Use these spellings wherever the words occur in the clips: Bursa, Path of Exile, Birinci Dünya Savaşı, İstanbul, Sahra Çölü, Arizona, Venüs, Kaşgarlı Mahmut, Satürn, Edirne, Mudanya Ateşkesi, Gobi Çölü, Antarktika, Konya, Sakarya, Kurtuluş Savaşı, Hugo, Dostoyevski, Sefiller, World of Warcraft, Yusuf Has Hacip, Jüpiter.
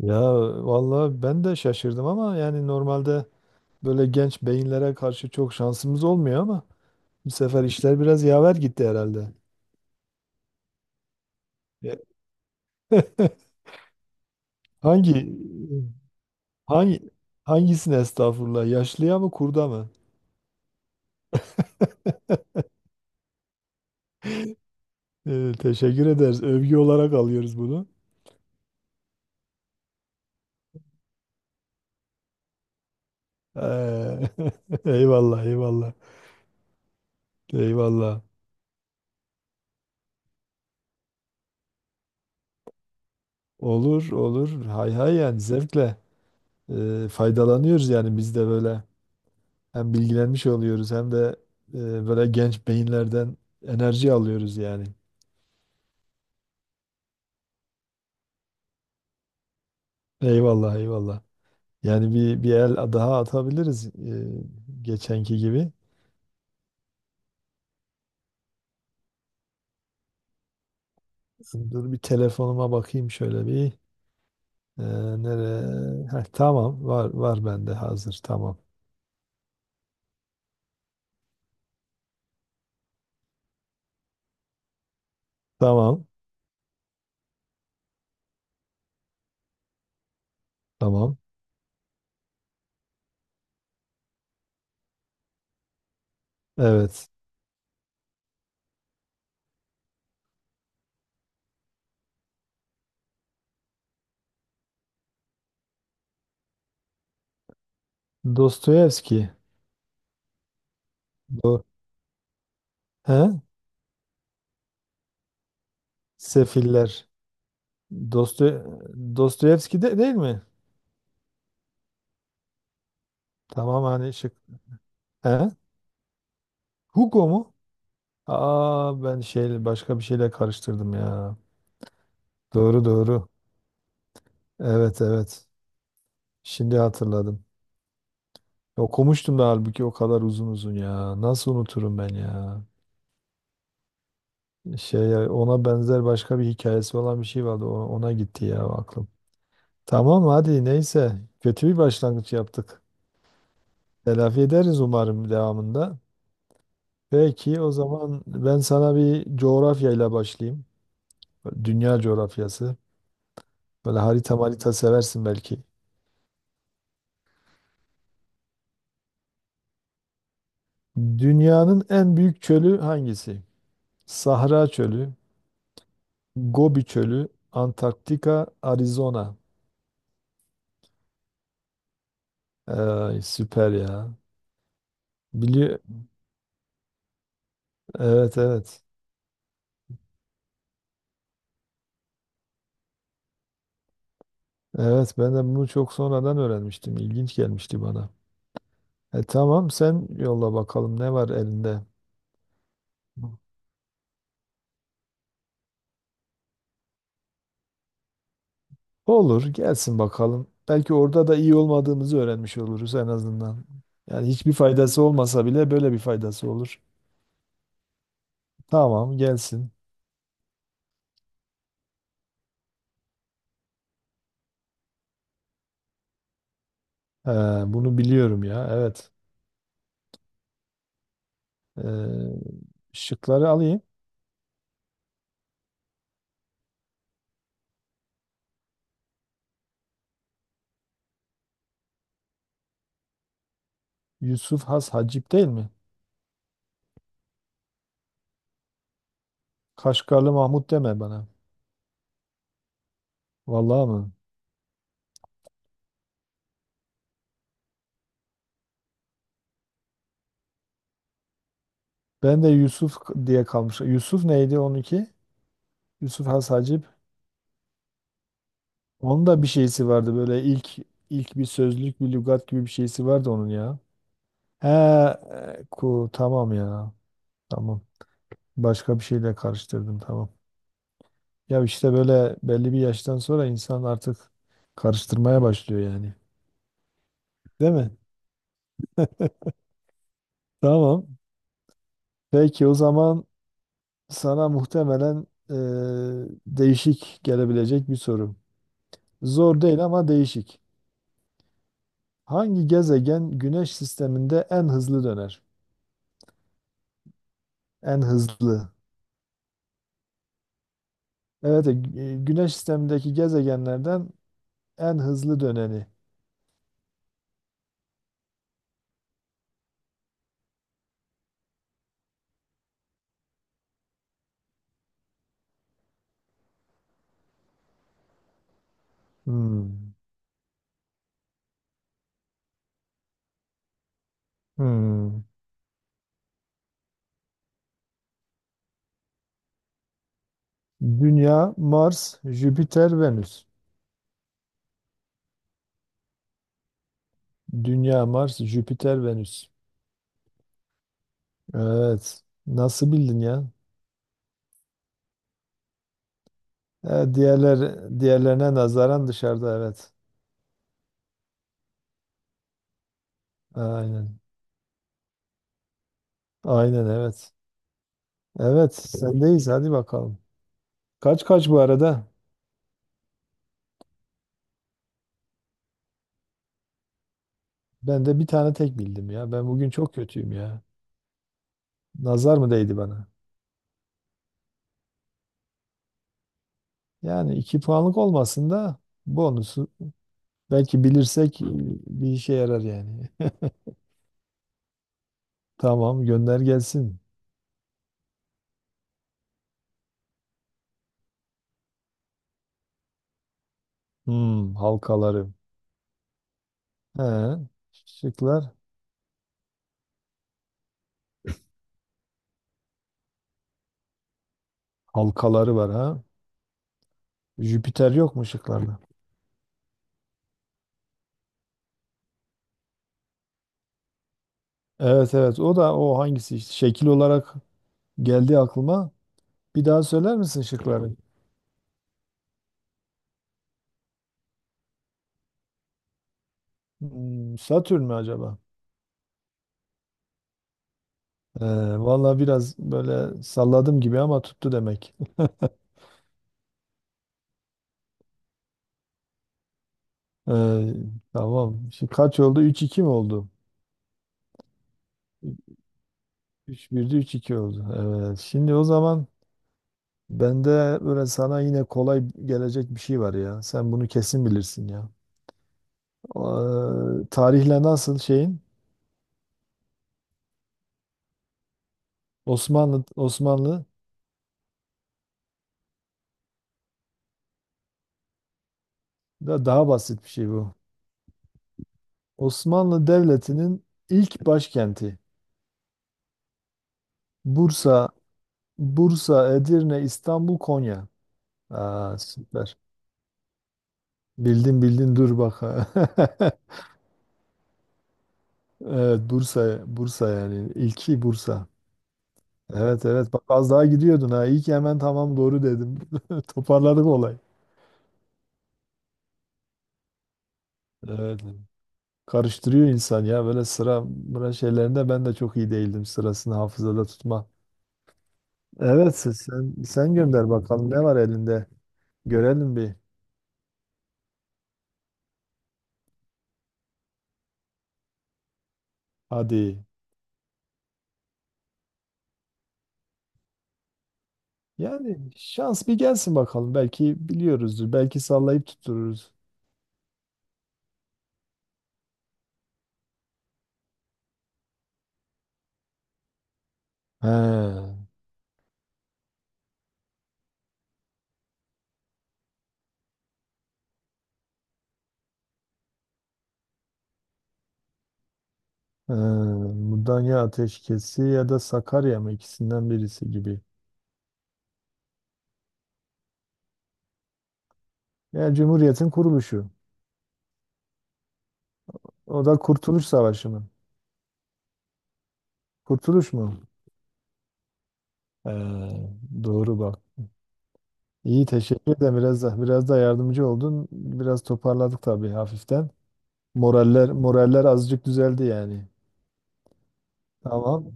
Ya vallahi ben de şaşırdım ama yani normalde böyle genç beyinlere karşı çok şansımız olmuyor ama bu sefer işler biraz yaver gitti herhalde. Ya- Hangi hangi hangisine estağfurullah yaşlıya mı kurda mı? Teşekkür ederiz. Övgü olarak alıyoruz bunu. Ee, Eyvallah eyvallah. Eyvallah. Olur olur. Hay hay yani zevkle faydalanıyoruz yani biz de böyle. Hem bilgilenmiş oluyoruz hem de e, böyle genç beyinlerden enerji alıyoruz yani. Eyvallah eyvallah. Yani bir el daha atabiliriz geçenki gibi. Dur bir telefonuma bakayım şöyle bir. E, Nereye? Heh, tamam var var bende hazır tamam. Tamam tamam. Evet. Dostoyevski. Do He? Sefiller. Dostoy Dostoyevski de değil mi? Tamam hani şık. He? Hugo mu? Aa, ben şey başka bir şeyle karıştırdım ya. Doğru doğru. Evet evet. Şimdi hatırladım. Okumuştum da halbuki o kadar uzun uzun ya. Nasıl unuturum ben ya? Şey, ona benzer başka bir hikayesi olan bir şey vardı. Ona gitti ya aklım. Tamam hadi neyse. Kötü bir başlangıç yaptık. Telafi ederiz umarım devamında. Peki o zaman ben sana bir coğrafyayla başlayayım. Dünya coğrafyası. Böyle harita marita seversin belki. Dünyanın en büyük çölü hangisi? Sahra Çölü, Gobi Çölü, Antarktika, Arizona. Ay, süper ya. Biliyor. Evet evet. Evet, ben de bunu çok sonradan öğrenmiştim. İlginç gelmişti bana. Tamam, sen yolla bakalım ne var elinde. Olur gelsin bakalım. Belki orada da iyi olmadığımızı öğrenmiş oluruz en azından. Yani hiçbir faydası olmasa bile böyle bir faydası olur. Tamam gelsin. Ee, Bunu biliyorum ya evet. Ee, Şıkları alayım. Yusuf Has Hacip değil mi? Kaşgarlı Mahmut deme bana. Vallahi mı? Ben de Yusuf k- diye kalmış. Yusuf neydi onunki? Yusuf Has Hacip. Onun da bir şeysi vardı böyle ilk bir sözlük bir lügat gibi bir şeysi vardı onun ya. He, e, ku tamam ya. Tamam. Başka bir şeyle karıştırdım tamam. Ya işte böyle belli bir yaştan sonra insan artık karıştırmaya başlıyor yani. Değil mi? Tamam. Peki o zaman sana muhtemelen değişik gelebilecek bir soru. Zor değil ama değişik. Hangi gezegen Güneş sisteminde en hızlı döner? En hızlı. Evet, Güneş sistemindeki gezegenlerden en hızlı döneni. Hmm. Hmm. Dünya, Mars, Jüpiter, Venüs. Dünya, Mars, Jüpiter, Venüs. Evet. Nasıl bildin ya? E, diğerler diğerlerine nazaran dışarıda evet. Aynen. Aynen evet. Evet, sendeyiz. Hadi bakalım. Kaç kaç bu arada? Ben de bir tane tek bildim ya. Ben bugün çok kötüyüm ya. Nazar mı değdi bana? Yani iki puanlık olmasın da bonusu belki bilirsek bir işe yarar yani. Tamam, gönder gelsin. Hmm, halkaları. He, şıklar. Halkaları var ha. Jüpiter yok mu şıklarda? Evet evet, o da o hangisi işte? Şekil olarak geldi aklıma. Bir daha söyler misin şıkları? Hmm, Satürn mü acaba? Ee, Valla biraz böyle salladım gibi ama tuttu demek. Ee, tamam. Şimdi kaç oldu? Üç iki mi oldu? Üç 1'di, üç iki oldu. Evet. Şimdi o zaman bende böyle sana yine kolay gelecek bir şey var ya. Sen bunu kesin bilirsin ya. Tarihle nasıl şeyin? Osmanlı da daha basit bir şey bu. Osmanlı Devleti'nin ilk başkenti. Bursa, Bursa, Edirne, İstanbul, Konya. Aa, süper. Bildin bildin, dur bak. Evet Bursa, Bursa yani ilki Bursa. Evet evet, bak az daha gidiyordun ha. İyi ki hemen tamam doğru dedim. Toparladık olay. Evet. Karıştırıyor insan ya böyle sıra sıra şeylerinde, ben de çok iyi değildim sırasını hafızada tutma. Evet, sen gönder bakalım ne var elinde. Görelim bir. Hadi. Yani şans bir gelsin bakalım. Belki biliyoruzdur. Belki sallayıp tuttururuz. He. Mudanya Ateşkesi ya da Sakarya mı, ikisinden birisi gibi. Yani Cumhuriyet'in kuruluşu. O da Kurtuluş Savaşı mı? Kurtuluş mu? Ee, doğru bak. İyi, teşekkür ederim. Biraz da yardımcı oldun. Biraz toparladık tabii hafiften. Moraller azıcık düzeldi yani. Tamam.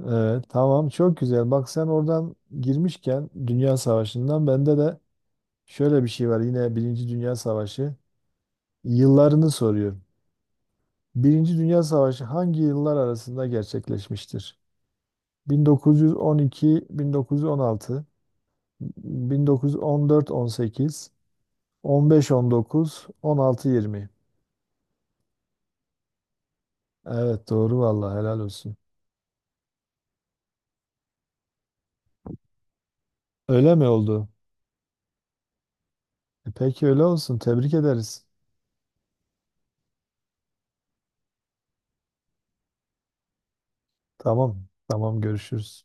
Tamam, çok güzel. Bak sen oradan girmişken Dünya Savaşı'ndan, bende de şöyle bir şey var. Yine Birinci Dünya Savaşı yıllarını soruyor. Birinci Dünya Savaşı hangi yıllar arasında gerçekleşmiştir? 1912-1916, 1914-18, 15-19, 16-20. Evet doğru, vallahi helal olsun. Öyle mi oldu? Peki öyle olsun. Tebrik ederiz. Tamam, tamam görüşürüz.